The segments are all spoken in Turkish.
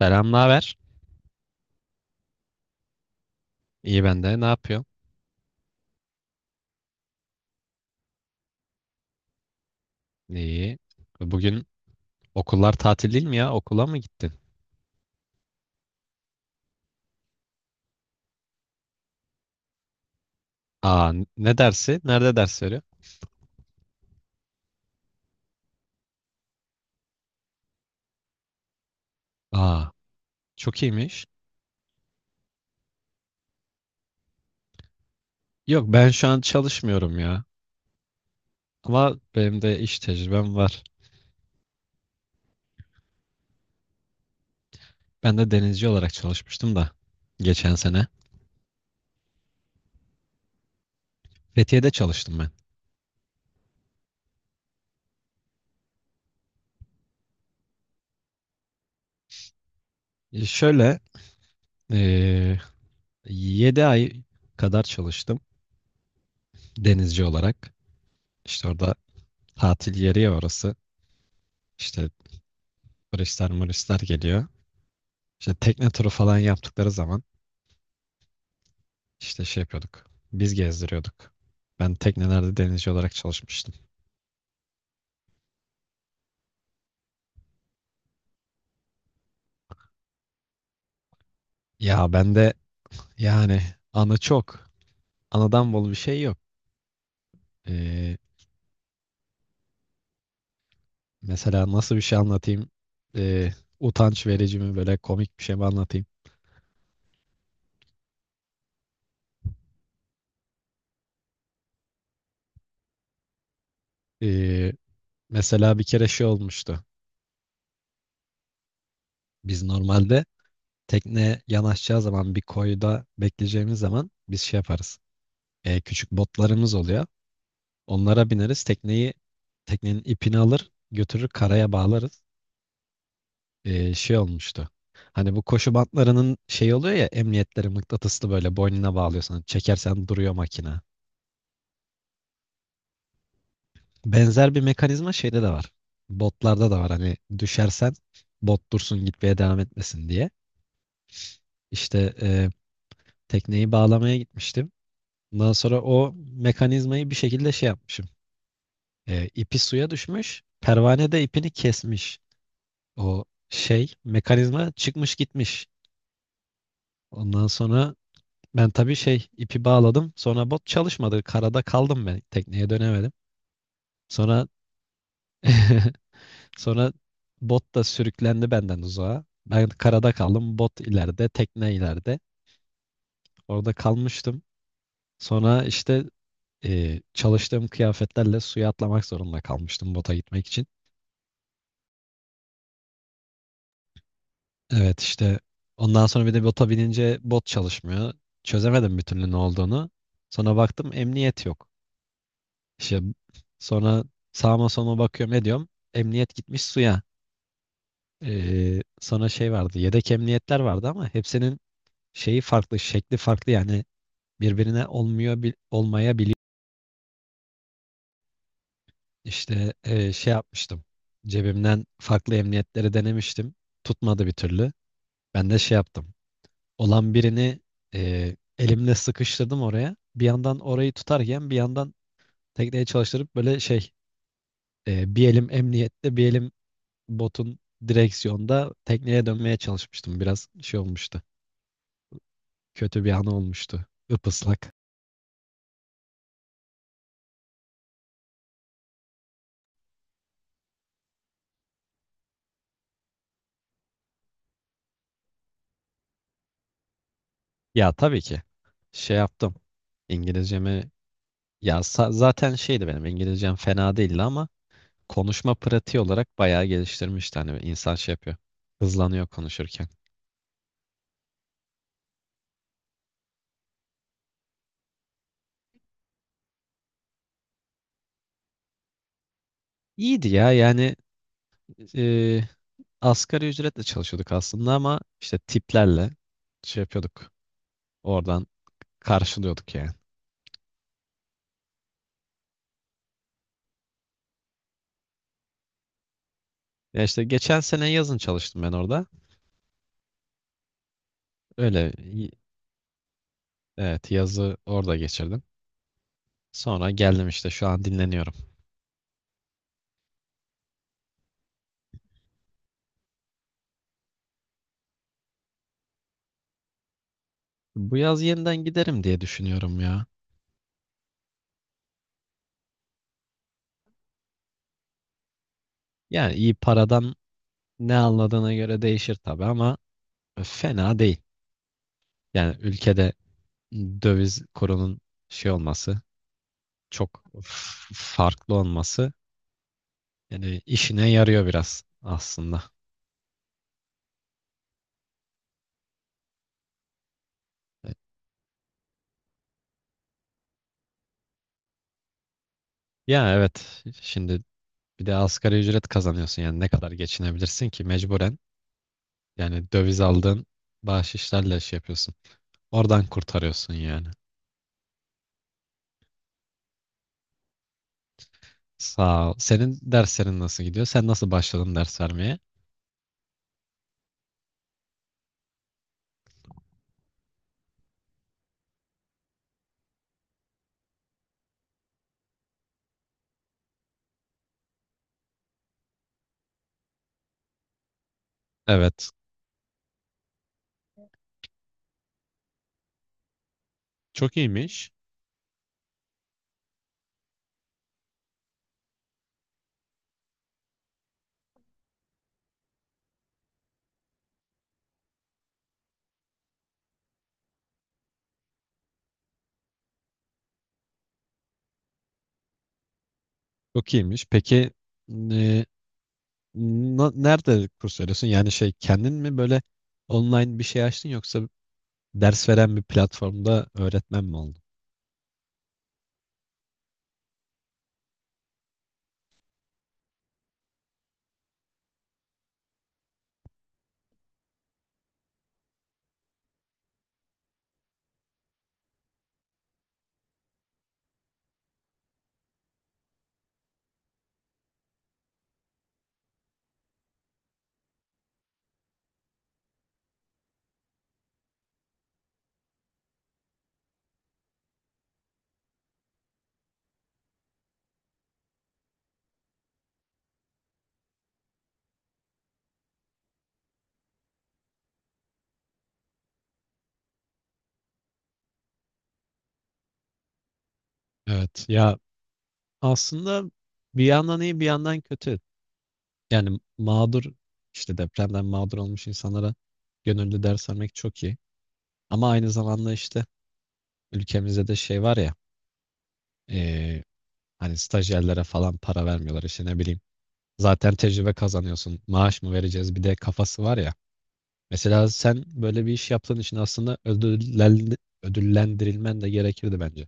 Selam, ne haber? İyi ben de. Ne yapıyorsun? İyi. Bugün okullar tatil değil mi ya? Okula mı gittin? Aa, ne dersi? Nerede ders veriyor? Aa, çok iyiymiş. Yok, ben şu an çalışmıyorum ya. Ama benim de iş tecrübem var. Ben de denizci olarak çalışmıştım da geçen sene. Fethiye'de çalıştım ben. E, Şöyle, eee 7 ay kadar çalıştım denizci olarak. İşte orada tatil yeri ya orası. İşte turistler muristler geliyor. İşte tekne turu falan yaptıkları zaman işte şey yapıyorduk. Biz gezdiriyorduk. Ben teknelerde denizci olarak çalışmıştım. Ya ben de yani anı çok. Anıdan bol bir şey yok. Ee, mesela nasıl bir şey anlatayım? Ee, utanç verici mi böyle komik bir şey mi anlatayım? Ee, mesela bir kere şey olmuştu. Biz normalde tekne yanaşacağı zaman bir koyda bekleyeceğimiz zaman biz şey yaparız. Küçük botlarımız oluyor. Onlara bineriz. Teknenin ipini alır, götürür karaya bağlarız. Şey olmuştu. Hani bu koşu bantlarının şey oluyor ya, emniyetleri mıknatıslı böyle boynuna bağlıyorsun. Hani çekersen duruyor makine. Benzer bir mekanizma şeyde de var. Botlarda da var. Hani düşersen bot dursun, gitmeye devam etmesin diye. İşte e, tekneyi bağlamaya gitmiştim. Ondan sonra o mekanizmayı bir şekilde şey yapmışım. E, ipi suya düşmüş. Pervane de ipini kesmiş. O şey mekanizma çıkmış gitmiş. Ondan sonra ben tabii şey ipi bağladım. Sonra bot çalışmadı. Karada kaldım ben. Tekneye dönemedim. Sonra sonra bot da sürüklendi benden uzağa. Ben karada kaldım. Bot ileride, tekne ileride. Orada kalmıştım. Sonra işte e, çalıştığım kıyafetlerle suya atlamak zorunda kalmıştım bota gitmek için. Evet, işte ondan sonra bir de bota binince bot çalışmıyor. Çözemedim bir türlü ne olduğunu. Sonra baktım emniyet yok. İşte sonra sağıma soluma bakıyorum ediyorum. Emniyet gitmiş suya. Sonra şey vardı. Yedek emniyetler vardı ama hepsinin şeyi farklı, şekli farklı, yani birbirine olmuyor olmayabiliyor. İşte şey yapmıştım. Cebimden farklı emniyetleri denemiştim. Tutmadı bir türlü. Ben de şey yaptım. Olan birini elimle sıkıştırdım oraya. Bir yandan orayı tutarken bir yandan tekneyi çalıştırıp böyle şey, bir elim emniyette bir elim botun direksiyonda tekneye dönmeye çalışmıştım. Biraz şey olmuştu. Kötü bir an olmuştu. Ipaslak. Ya tabii ki şey yaptım. İngilizcemi ya zaten şeydi, benim İngilizcem fena değildi ama konuşma pratiği olarak bayağı geliştirmişti. Hani insan şey yapıyor. Hızlanıyor konuşurken. İyiydi ya, yani e, asgari ücretle çalışıyorduk aslında ama işte tiplerle şey yapıyorduk. Oradan karşılıyorduk yani. Ya işte geçen sene yazın çalıştım ben orada. Öyle evet, yazı orada geçirdim. Sonra geldim, işte şu an dinleniyorum. Bu yaz yeniden giderim diye düşünüyorum ya. Yani iyi paradan ne anladığına göre değişir tabii ama fena değil. Yani ülkede döviz kurunun şey olması, çok farklı olması yani işine yarıyor biraz aslında. Ya evet, şimdi bir de asgari ücret kazanıyorsun, yani ne kadar geçinebilirsin ki, mecburen yani döviz aldığın bahşişlerle şey yapıyorsun. Oradan kurtarıyorsun yani. Sağ ol. Senin derslerin nasıl gidiyor? Sen nasıl başladın ders vermeye? Evet. Çok iyiymiş. Çok iyiymiş. Peki e, nerede kurs veriyorsun? Yani şey, kendin mi böyle online bir şey açtın yoksa ders veren bir platformda öğretmen mi oldun? Evet. Ya aslında bir yandan iyi bir yandan kötü. Yani mağdur, işte depremden mağdur olmuş insanlara gönüllü ders vermek çok iyi. Ama aynı zamanda işte ülkemizde de şey var ya, eee, hani stajyerlere falan para vermiyorlar, işte ne bileyim. Zaten tecrübe kazanıyorsun. Maaş mı vereceğiz bir de kafası var ya. Mesela sen böyle bir iş yaptığın için aslında ödüllendirilmen de gerekirdi bence.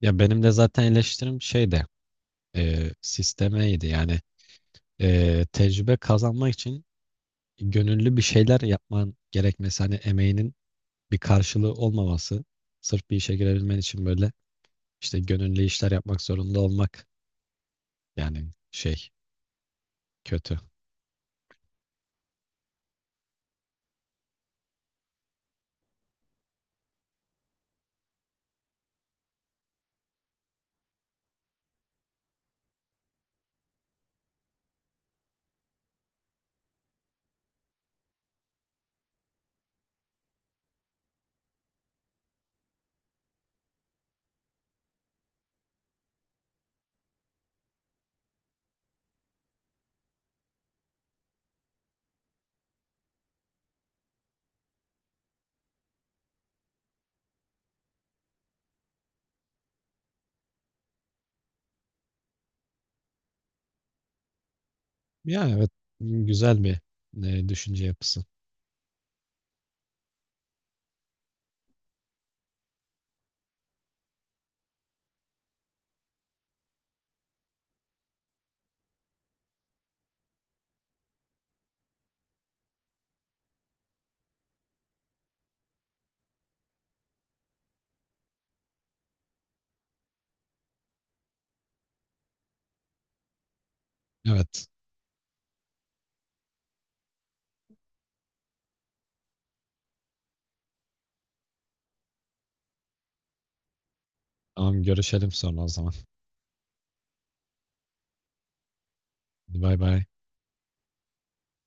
Ya benim de zaten eleştirim şey de sistemeydi, yani tecrübe kazanmak için gönüllü bir şeyler yapman gerekmesi, hani emeğinin bir karşılığı olmaması, sırf bir işe girebilmen için böyle işte gönüllü işler yapmak zorunda olmak, yani şey, kötü. Ya evet, güzel bir e, düşünce yapısı. Evet, tamam, görüşelim sonra o zaman. Hadi bay bay.